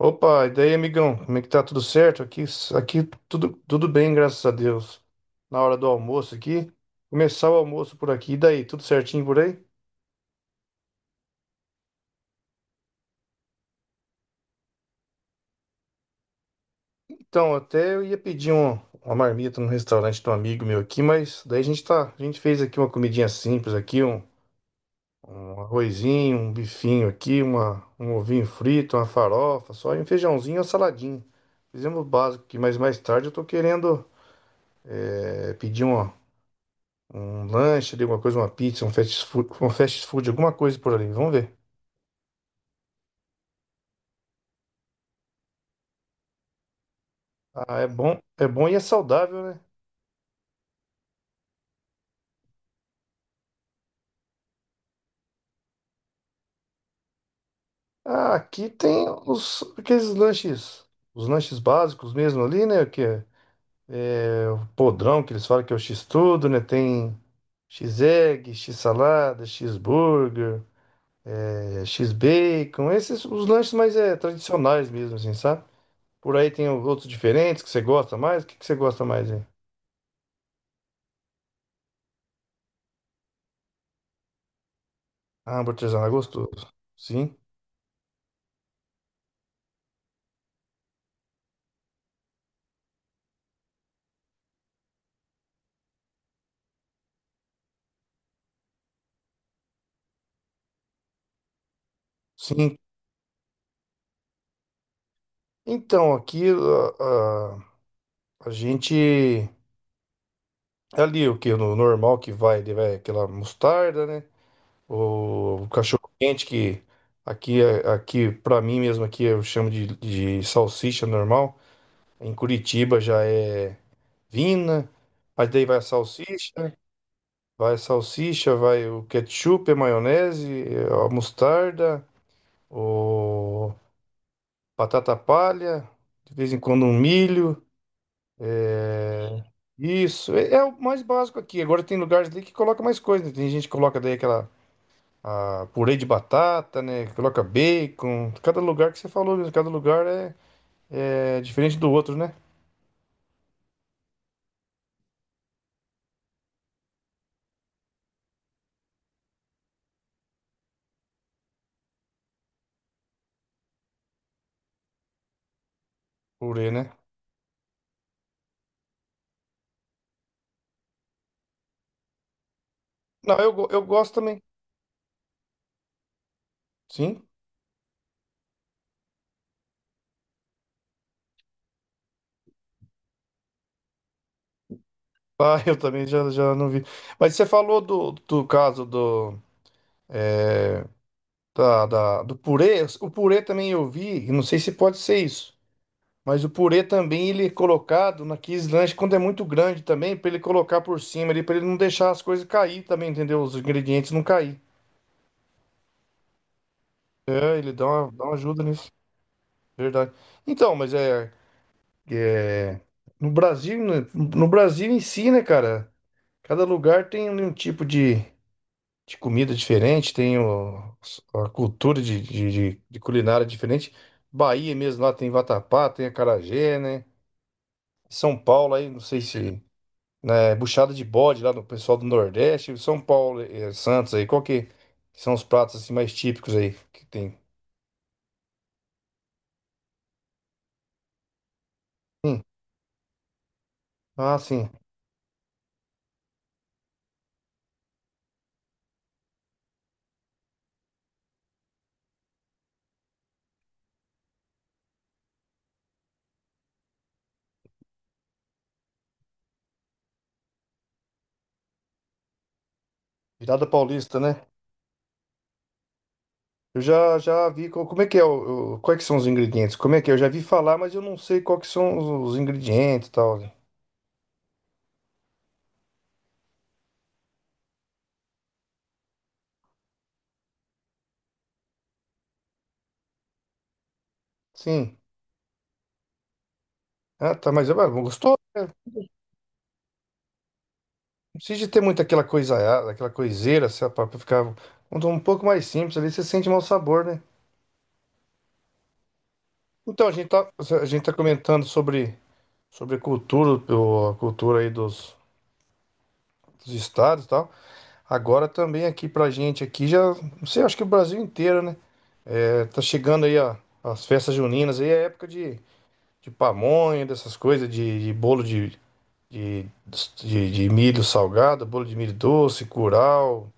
Opa, e daí, amigão? Como é que tá? Tudo certo? Aqui tudo bem, graças a Deus. Na hora do almoço aqui, começar o almoço por aqui. E daí, tudo certinho por aí? Então, até eu ia pedir uma marmita no restaurante de um amigo meu aqui, mas daí a gente fez aqui uma comidinha simples aqui, um arrozinho, um bifinho aqui, um ovinho frito, uma farofa, só e um feijãozinho e uma saladinha. Fizemos o básico aqui, mas mais tarde eu tô querendo pedir uma um lanche ali, alguma coisa, uma pizza, um fast food, alguma coisa por ali. Vamos ver. Ah, é bom e é saudável, né? Ah, aqui tem os aqueles lanches, os lanches básicos mesmo ali, né? É o podrão que eles falam que é o X-tudo, né? Tem X-egg, X-salada, X-burger, X-bacon, esses os lanches mais tradicionais mesmo, assim, sabe? Por aí tem outros diferentes que você gosta mais. O que que você gosta mais, hein? Ah, hambúrguer artesanal é gostoso. Sim. Sim, então, a, a gente. Ali o que? No normal que vai, ele vai aquela mostarda, né? O cachorro quente que aqui, aqui para mim mesmo, aqui eu chamo de salsicha normal. Em Curitiba já é vina. Aí daí vai a salsicha, né? Vai a salsicha, vai o ketchup, a maionese, a mostarda, o batata palha, de vez em quando um milho. é, Isso, é, é o mais básico aqui. Agora tem lugares ali que coloca mais coisa, né? Tem gente que coloca daí aquela ah, purê de batata, né? Coloca bacon. Cada lugar que você falou, mesmo, cada lugar é diferente do outro, né? Purê, né? Não, eu gosto também. Sim. Ah, eu também já, já não vi. Mas você falou do caso do purê. O purê também eu vi, e não sei se pode ser isso. Mas o purê também ele é colocado naqueles lanches quando é muito grande também, pra ele colocar por cima ali, pra ele não deixar as coisas cair também, entendeu? Os ingredientes não cair. É, ele dá uma ajuda nisso, verdade. Então, mas é, é no Brasil, né, no Brasil em si, né, cara? Cada lugar tem um tipo de comida diferente, tem a cultura de culinária diferente. Bahia mesmo lá tem vatapá, tem acarajé, né? São Paulo aí, não sei se né, buchada de bode lá no pessoal do Nordeste, São Paulo, Santos aí, qual que são os pratos assim mais típicos aí que tem? Hum, ah, sim, virada paulista, né? Eu já vi como é que é quais que são os ingredientes? Como é que é? Eu já vi falar, mas eu não sei qual que são os ingredientes e tal, né? Sim. Ah, tá, mas é mas gostou, né? Não precisa de ter muito aquela coisa, ah, aquela coiseira, sabe, pra ficar um pouco mais simples ali, você sente mau sabor, né? Então, a gente tá, a gente tá comentando sobre cultura, a cultura aí dos estados e tal. Agora também aqui pra gente aqui já, não sei, acho que o Brasil inteiro, né? É, tá chegando aí as festas juninas aí, é época de pamonha, dessas coisas, de bolo de, de milho salgado, bolo de milho doce, curau,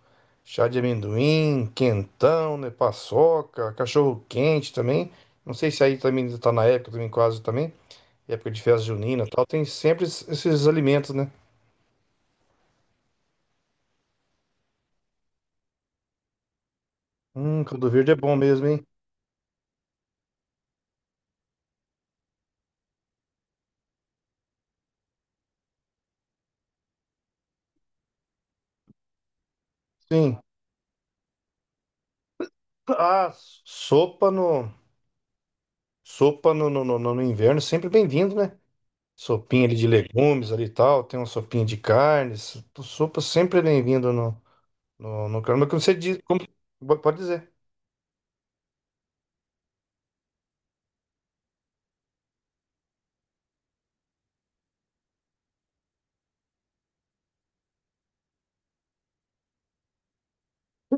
chá de amendoim, quentão, né? Paçoca, cachorro quente também. Não sei se aí também tá na época também quase também, época de festa junina e tal, tem sempre esses alimentos, né? Caldo verde é bom mesmo, hein? Sim. Ah, sopa no, sopa no, no, no, no inverno, sempre bem-vindo, né? Sopinha ali de legumes ali e tal, tem uma sopinha de carnes, sopa sempre é bem-vindo no caldo. Mas como você diz, pode dizer.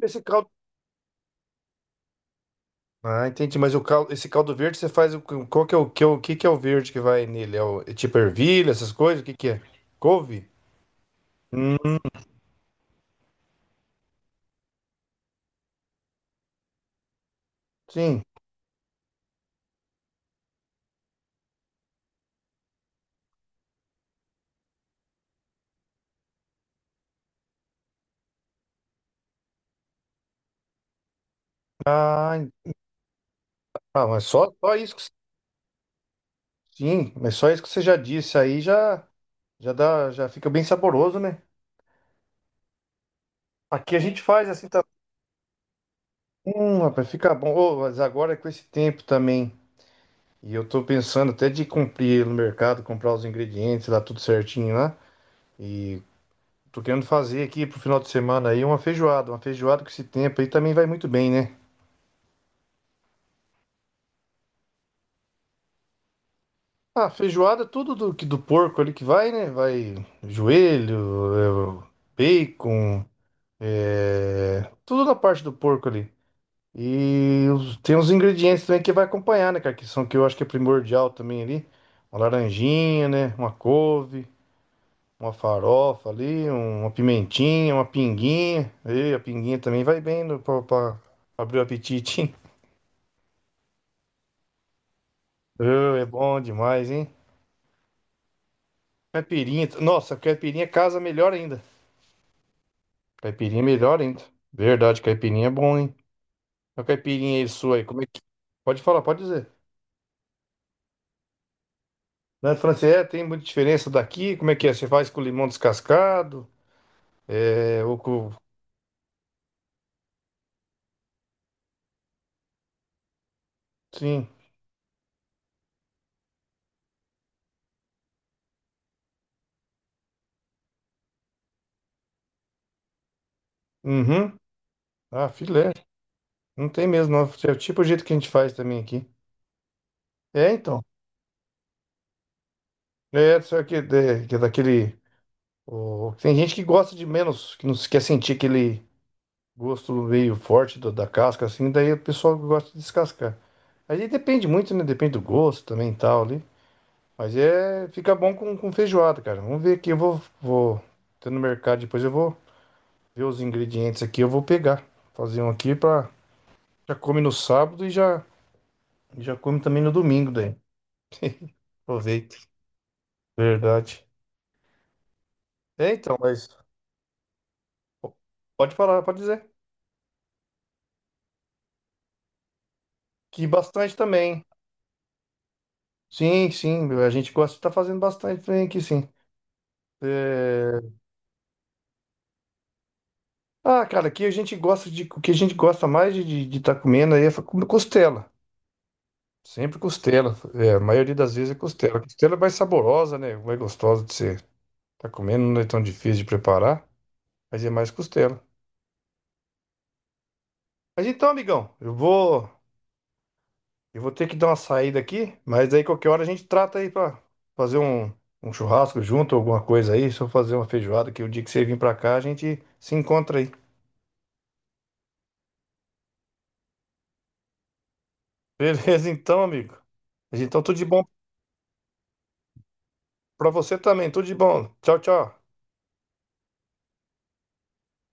Esse caldo. Ah, entendi, mas o caldo, esse caldo verde você faz, qual que é o que, é o que que é o verde que vai nele? É, é tipo ervilha, essas coisas? O que que é? Couve? Hum, sim. Ah, ah, mas só isso que sim, mas só isso que você já disse aí já dá, já fica bem saboroso, né? Aqui a gente faz assim tá, rapaz, fica bom. Ô, mas agora é com esse tempo também, e eu tô pensando até de cumprir no mercado, comprar os ingredientes lá tudo certinho lá, e tô querendo fazer aqui pro final de semana aí uma feijoada com esse tempo aí também vai muito bem, né? Ah, feijoada é tudo do que do porco ali que vai, né? Vai joelho, bacon, é, tudo da parte do porco ali. E tem os ingredientes também que vai acompanhar, né, cara? Que são que eu acho que é primordial também ali. Uma laranjinha, né? Uma couve, uma farofa ali, uma pimentinha, uma pinguinha. E a pinguinha também vai bem pra abrir o apetite, hein? Ô, é bom demais, hein? Caipirinha. Nossa, caipirinha casa melhor ainda. Caipirinha é melhor ainda. Verdade, caipirinha é bom, hein? A caipirinha aí sua aí, como é que. Pode falar, pode dizer. Na França, é, tem muita diferença daqui? Como é que é? Você faz com limão descascado? É, sim. Uhum. Ah, filé. Não tem mesmo, não. É o tipo o jeito que a gente faz também aqui. É, então. É, só que é daquele. Tem gente que gosta de menos, que não se quer sentir aquele gosto meio forte da casca, assim, daí o pessoal gosta de descascar. Aí depende muito, né? Depende do gosto também e tal ali. Mas é. Fica bom com feijoada, cara. Vamos ver aqui. Vou. Tô no mercado, depois eu vou ver os ingredientes aqui, eu vou pegar. Fazer um aqui pra. Já come no sábado e já. Já come também no domingo, daí. Aproveita. Verdade. É, então, mas po- pode falar, pode dizer. Que bastante também. Sim, sim, a gente gosta de tá fazendo bastante também aqui, sim. É, ah, cara, aqui a gente gosta de. O que a gente gosta mais de estar comendo aí é comer costela. Sempre costela. É, a maioria das vezes é costela. Costela é mais saborosa, né? Mais gostosa de ser. Tá comendo, não é tão difícil de preparar, mas é mais costela. Mas então, amigão, eu vou. Eu vou ter que dar uma saída aqui, mas aí qualquer hora a gente trata aí pra fazer um churrasco junto, alguma coisa aí. Só fazer uma feijoada, que o dia que você vir pra cá a gente se encontra aí. Beleza, então, amigo. Então, tudo de bom pra você também. Tudo de bom. Tchau, tchau.